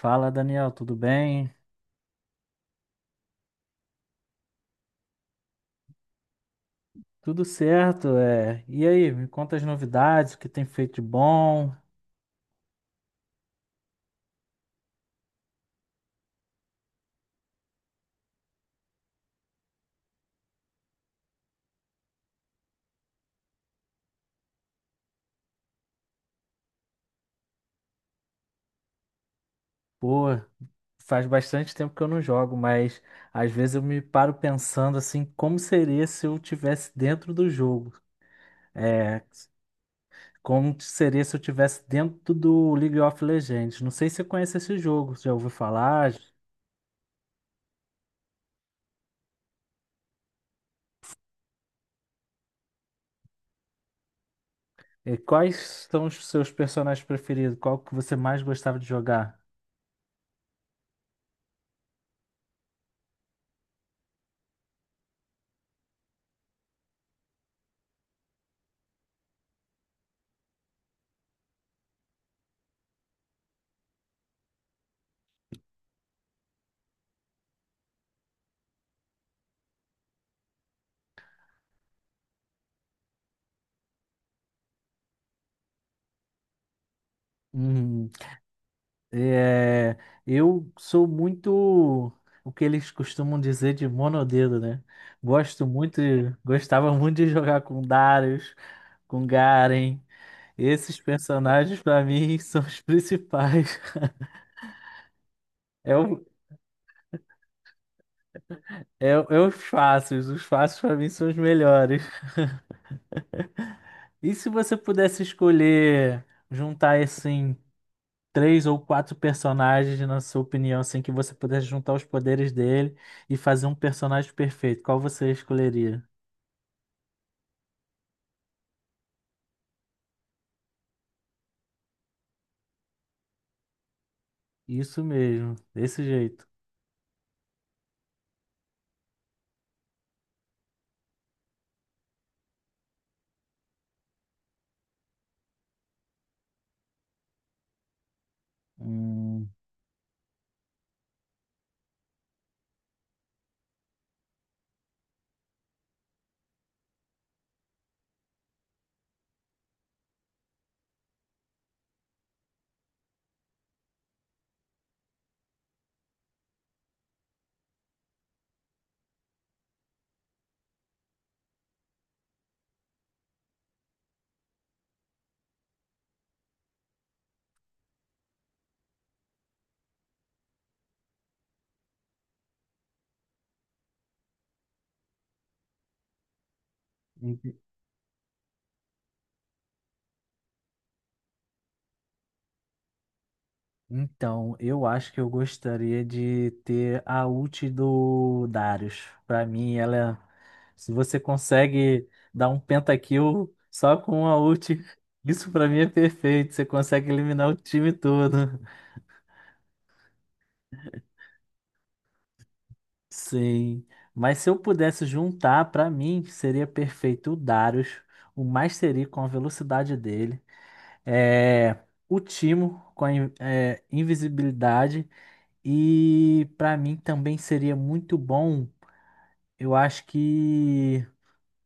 Fala, Daniel, tudo bem? Tudo certo, é. E aí, me conta as novidades, o que tem feito de bom? Pô, faz bastante tempo que eu não jogo, mas às vezes eu me paro pensando assim, como seria se eu tivesse dentro do jogo? É, como seria se eu tivesse dentro do League of Legends? Não sei se você conhece esse jogo, já ouviu falar? E quais são os seus personagens preferidos? Qual que você mais gostava de jogar? É, eu sou muito o que eles costumam dizer de monodedo, né? Gosto muito, gostava muito de jogar com Darius, com Garen. Esses personagens pra mim são os principais. É, é os fáceis pra mim são os melhores. E se você pudesse escolher juntar assim três ou quatro personagens, na sua opinião, assim que você pudesse juntar os poderes dele e fazer um personagem perfeito, qual você escolheria? Isso mesmo, desse jeito. Hum, en- então, eu acho que eu gostaria de ter a ult do Darius. Pra mim, ela, se você consegue dar um pentakill só com a ult, isso pra mim é perfeito. Você consegue eliminar o time todo. Sim, mas se eu pudesse juntar, pra mim seria perfeito o Darius, o Mastery com a velocidade dele. É, o Timo com a invisibilidade. E pra mim também seria muito bom. Eu acho que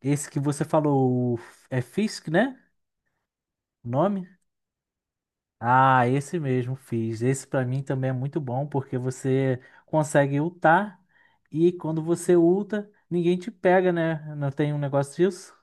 esse que você falou o Fisk, né? O nome? Ah, esse mesmo, Fisk. Esse pra mim também é muito bom porque você consegue ultar e quando você ulta, ninguém te pega, né? Não tem um negócio disso?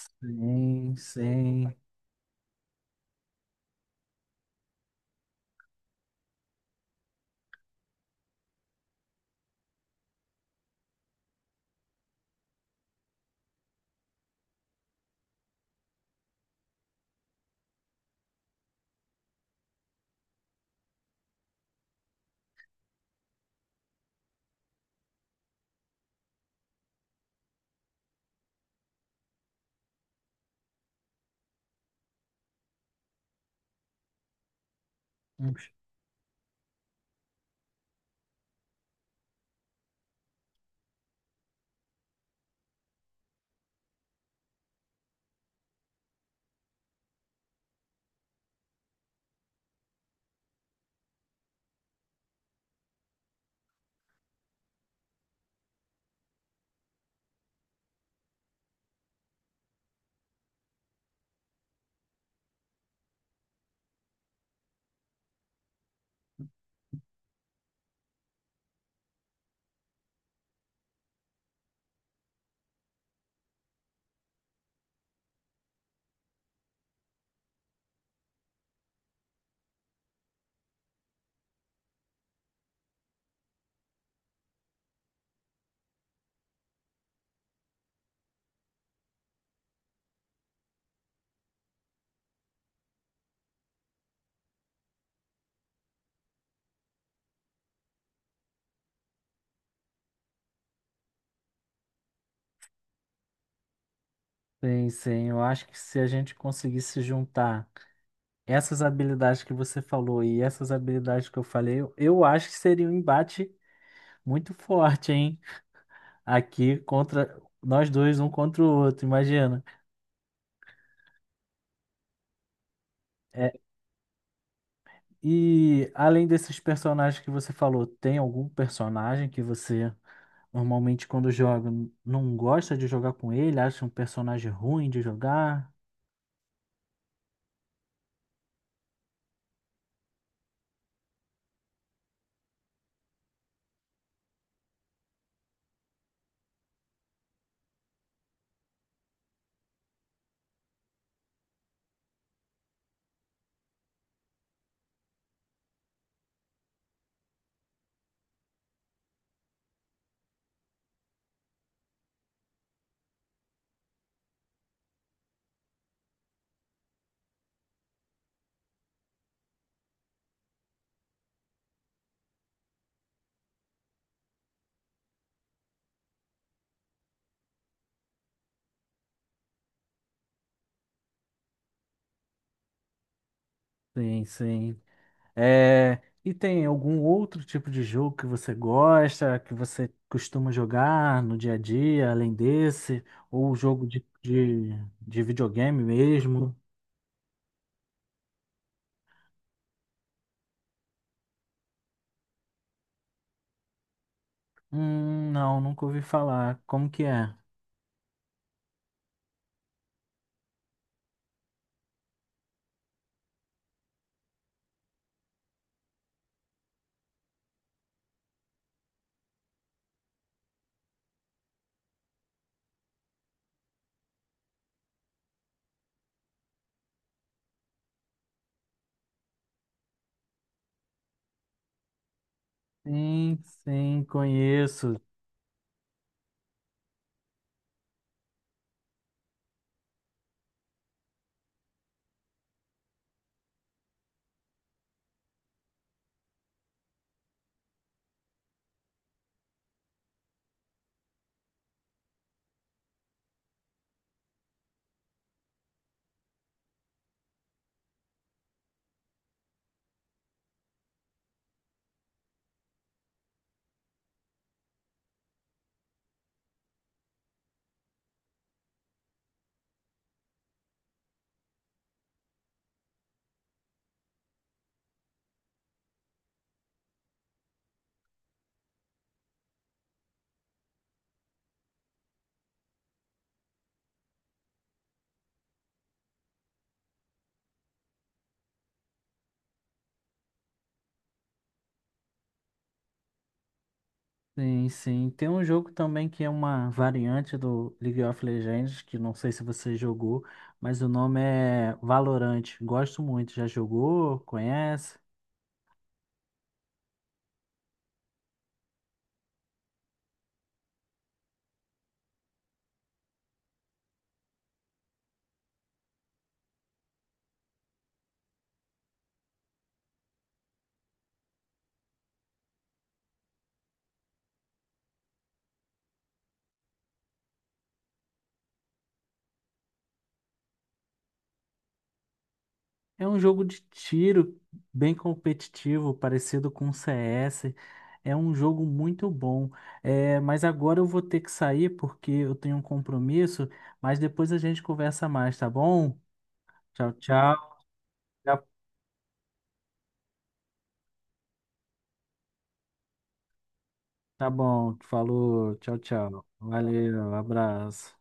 Sim, sim. Sim, sim. Eu acho que se a gente conseguisse juntar. Essas habilidades que você falou e essas habilidades que eu falei, eu acho que seria um embate muito forte, hein? Aqui contra nós dois, um contra o outro, imagina. É, e além desses personagens que você falou, tem algum personagem que você normalmente quando joga não gosta de jogar com ele, acha um personagem ruim de jogar? Sim, sim. É, e tem algum outro tipo de jogo que você gosta, que você costuma jogar no dia a dia, além desse? Ou jogo de videogame mesmo? Não, nunca ouvi falar. Como que é? Sim, sim, conheço. Sim, sim. Tem um jogo também que é uma variante do League of Legends, que não sei se você jogou, mas o nome é Valorant. Gosto muito. Já jogou? Conhece? É um jogo de tiro bem competitivo, parecido com o CS. É um jogo muito bom. É, mas agora eu vou ter que sair porque eu tenho um compromisso. Mas depois a gente conversa mais, tá bom? Tchau, tchau. Tá tá bom. Falou. Tchau, tchau. Valeu. Abraço.